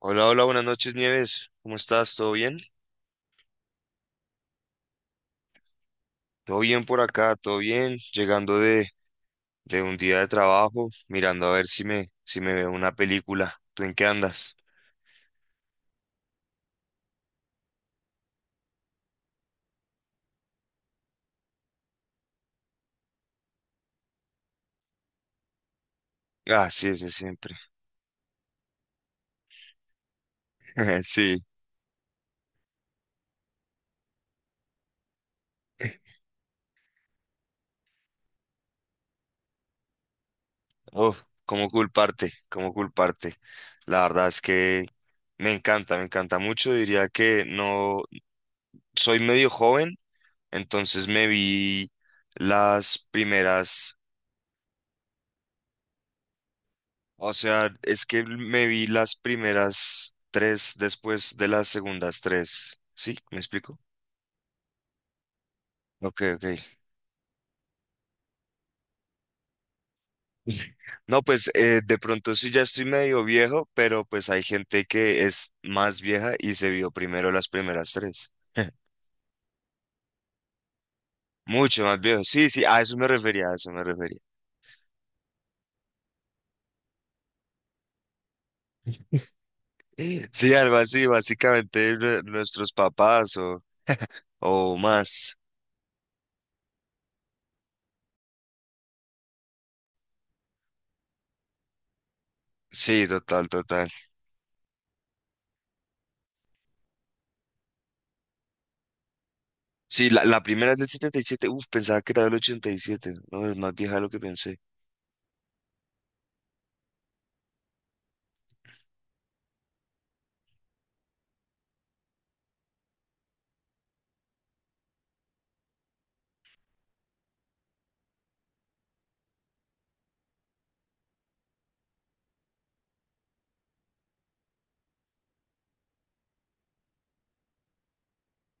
Hola, hola, buenas noches, Nieves. ¿Cómo estás? ¿Todo bien? Todo bien por acá, todo bien. Llegando de un día de trabajo, mirando a ver si si me veo una película. ¿Tú en qué andas? Ah, sí, ese siempre. Sí. Uf, ¿cómo culparte? ¿Cómo culparte? La verdad es que me encanta mucho. Diría que no soy medio joven, entonces me vi las primeras. O sea, es que me vi las primeras tres después de las segundas tres. ¿Sí? ¿Me explico? Ok, ok. No, pues de pronto sí ya estoy medio viejo, pero pues hay gente que es más vieja y se vio primero las primeras tres. Mucho más viejo. Sí, sí, a eso me refería, a eso me refería. Sí, sí, algo así, básicamente nuestros papás o más. Sí, total, total. Sí, la primera es del 77. Uf, pensaba que era del ochenta y siete. No, es más vieja de lo que pensé.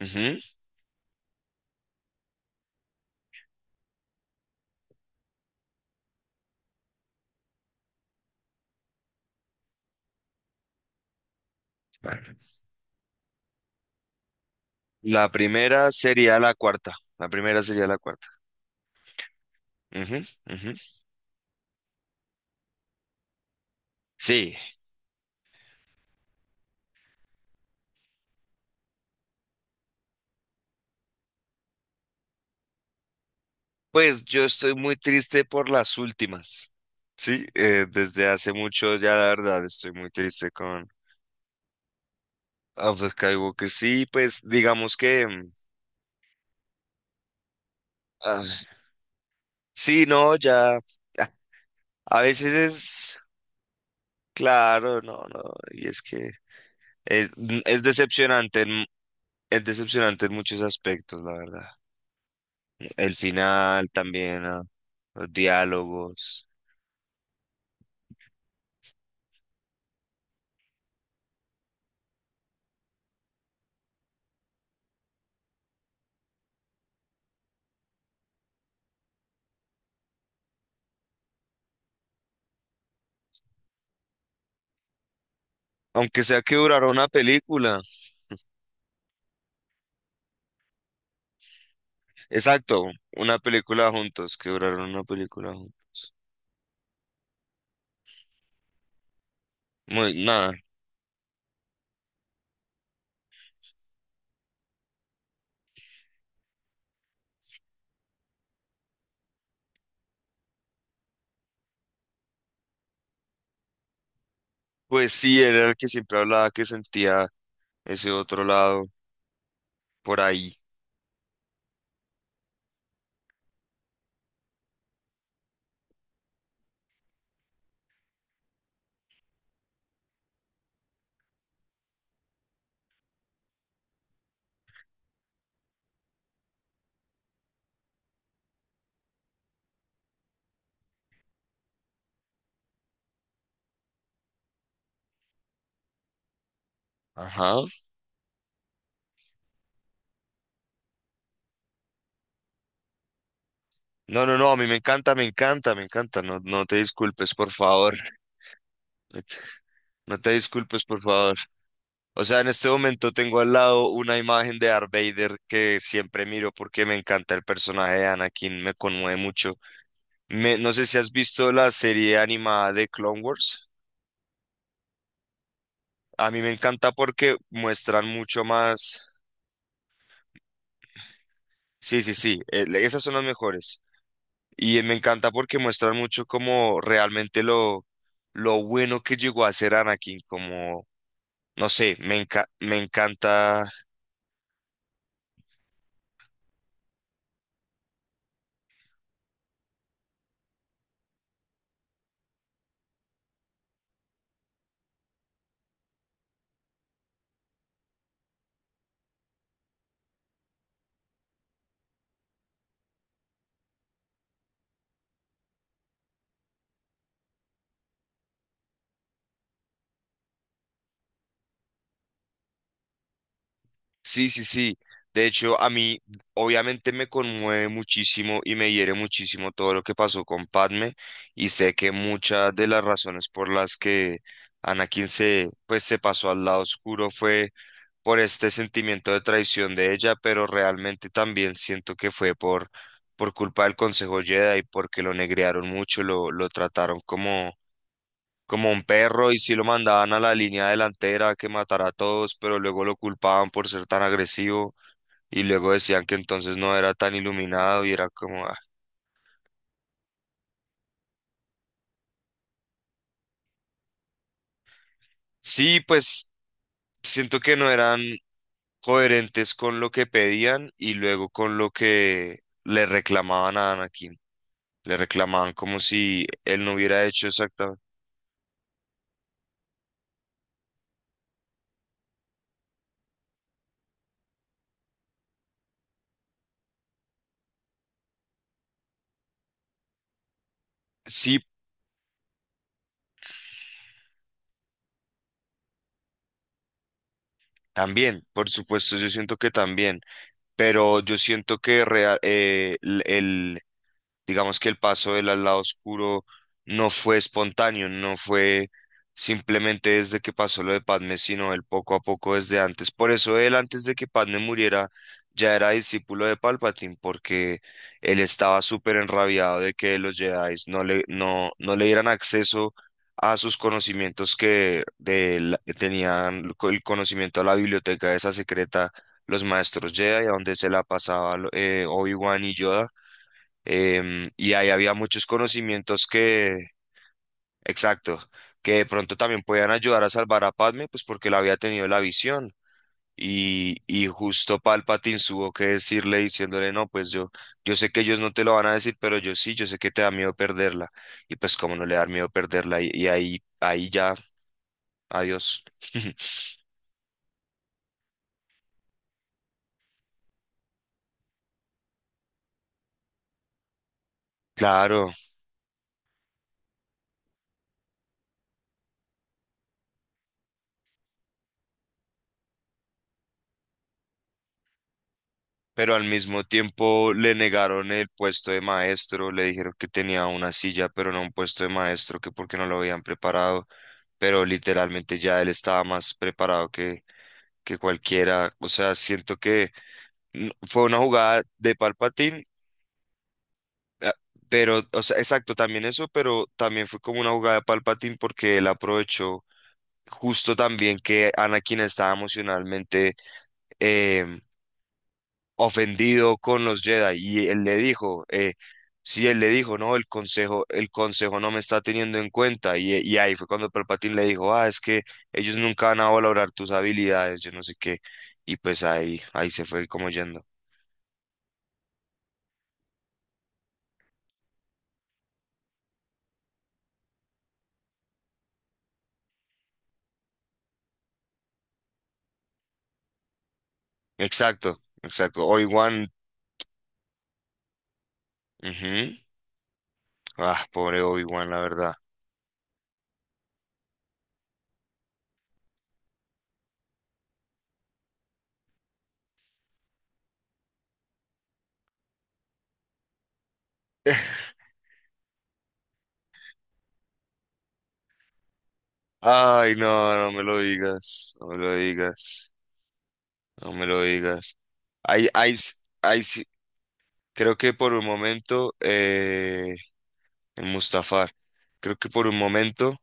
Ujú. La primera sería la cuarta. La primera sería la cuarta. Ujú, ujú. Sí, pues yo estoy muy triste por las últimas. Sí, desde hace mucho ya la verdad estoy muy triste con Of the Skywalker. Sí, pues digamos que... ah, sí, no, ya... ah. A veces es... Claro, no, no. Y es que es, es decepcionante. Es decepcionante en muchos aspectos, la verdad. El final también, ah, los diálogos. Aunque sea que durara una película. Exacto, una película juntos, que duraron una película juntos. Muy, nada. Pues sí, era el que siempre hablaba que sentía ese otro lado por ahí. Ajá. No, no, no, a mí me encanta, me encanta, me encanta. No, no te disculpes, por favor. No te disculpes, por favor. O sea, en este momento tengo al lado una imagen de Darth Vader que siempre miro porque me encanta el personaje de Anakin, me conmueve mucho. No sé si has visto la serie animada de Clone Wars. A mí me encanta porque muestran mucho más. Sí, sí, sí, esas son las mejores. Y me encanta porque muestran mucho como realmente lo bueno que llegó a ser Anakin, como, no sé, me encanta. Sí, sí, sí. De hecho, a mí obviamente me conmueve muchísimo y me hiere muchísimo todo lo que pasó con Padme y sé que muchas de las razones por las que Anakin se, pues, se pasó al lado oscuro fue por este sentimiento de traición de ella, pero realmente también siento que fue por culpa del Consejo Jedi porque lo negrearon mucho, lo trataron como... como un perro y sí lo mandaban a la línea delantera que matara a todos, pero luego lo culpaban por ser tan agresivo. Y luego decían que entonces no era tan iluminado y era como, ah. Sí, pues siento que no eran coherentes con lo que pedían y luego con lo que le reclamaban a Anakin. Le reclamaban como si él no hubiera hecho exactamente. Sí, también, por supuesto, yo siento que también, pero yo siento que digamos que el paso del al lado oscuro no fue espontáneo, no fue simplemente desde que pasó lo de Padme, sino el poco a poco desde antes. Por eso él antes de que Padme muriera ya era discípulo de Palpatine, porque él estaba súper enrabiado de que los Jedi no no le dieran acceso a sus conocimientos que que tenían el conocimiento a la biblioteca esa secreta, los maestros Jedi, a donde se la pasaba Obi-Wan y Yoda. Y ahí había muchos conocimientos que, exacto, que de pronto también podían ayudar a salvar a Padme, pues porque él había tenido la visión. Y justo Palpatine tuvo que decirle, diciéndole, no, pues yo sé que ellos no te lo van a decir, pero yo sí, yo sé que te da miedo perderla. Y pues cómo no le da miedo perderla. Ahí ya, adiós. Claro. Pero al mismo tiempo le negaron el puesto de maestro, le dijeron que tenía una silla, pero no un puesto de maestro, que porque no lo habían preparado, pero literalmente ya él estaba más preparado que cualquiera, o sea, siento que fue una jugada de Palpatine, eh, pero, o sea, exacto, también eso, pero también fue como una jugada de Palpatine porque él aprovechó justo también que Anakin estaba emocionalmente em, ofendido con los Jedi y él le dijo, sí, él le dijo, no, el consejo no me está teniendo en cuenta y y ahí fue cuando Palpatine le dijo, ah, es que ellos nunca van a valorar tus habilidades, yo no sé qué, y pues ahí se fue como yendo. Exacto, exacto, Obi-Wan, ujú, ah, pobre Obi-Wan, la verdad. Ay, no, no me lo digas, no me lo digas, no me lo digas. Ahí sí, creo que por un momento, en Mustafar. Creo que por un momento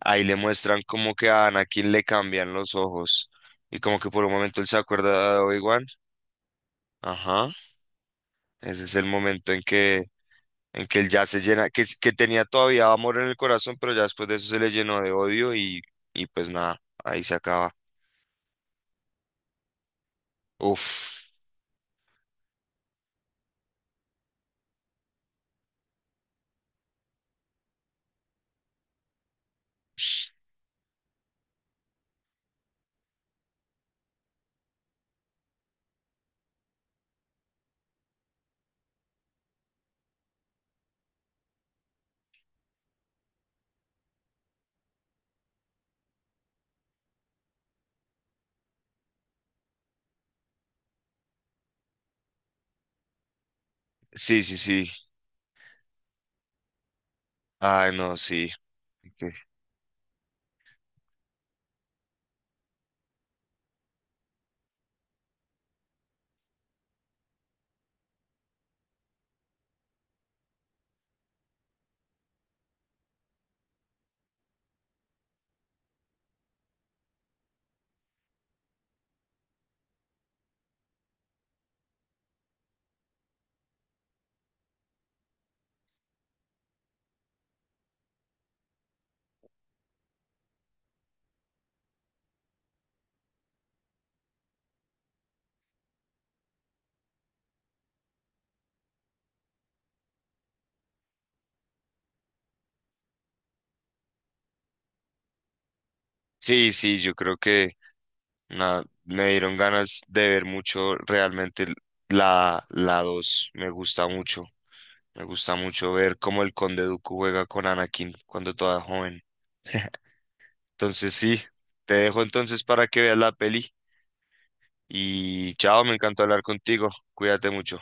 ahí le muestran como que a Anakin le cambian los ojos y como que por un momento él se acuerda de Obi-Wan. Ajá, ese es el momento en que él ya se llena, que tenía todavía amor en el corazón, pero ya después de eso se le llenó de odio y pues nada, ahí se acaba. Uf. Sí, sí, sí. Ay, no, sí. Ok. Sí, sí, yo creo que nada, me dieron ganas de ver mucho realmente la dos. Me gusta mucho. Me gusta mucho ver cómo el Conde Dooku juega con Anakin cuando toda joven. Entonces sí, te dejo entonces para que veas la peli. Y chao, me encantó hablar contigo. Cuídate mucho.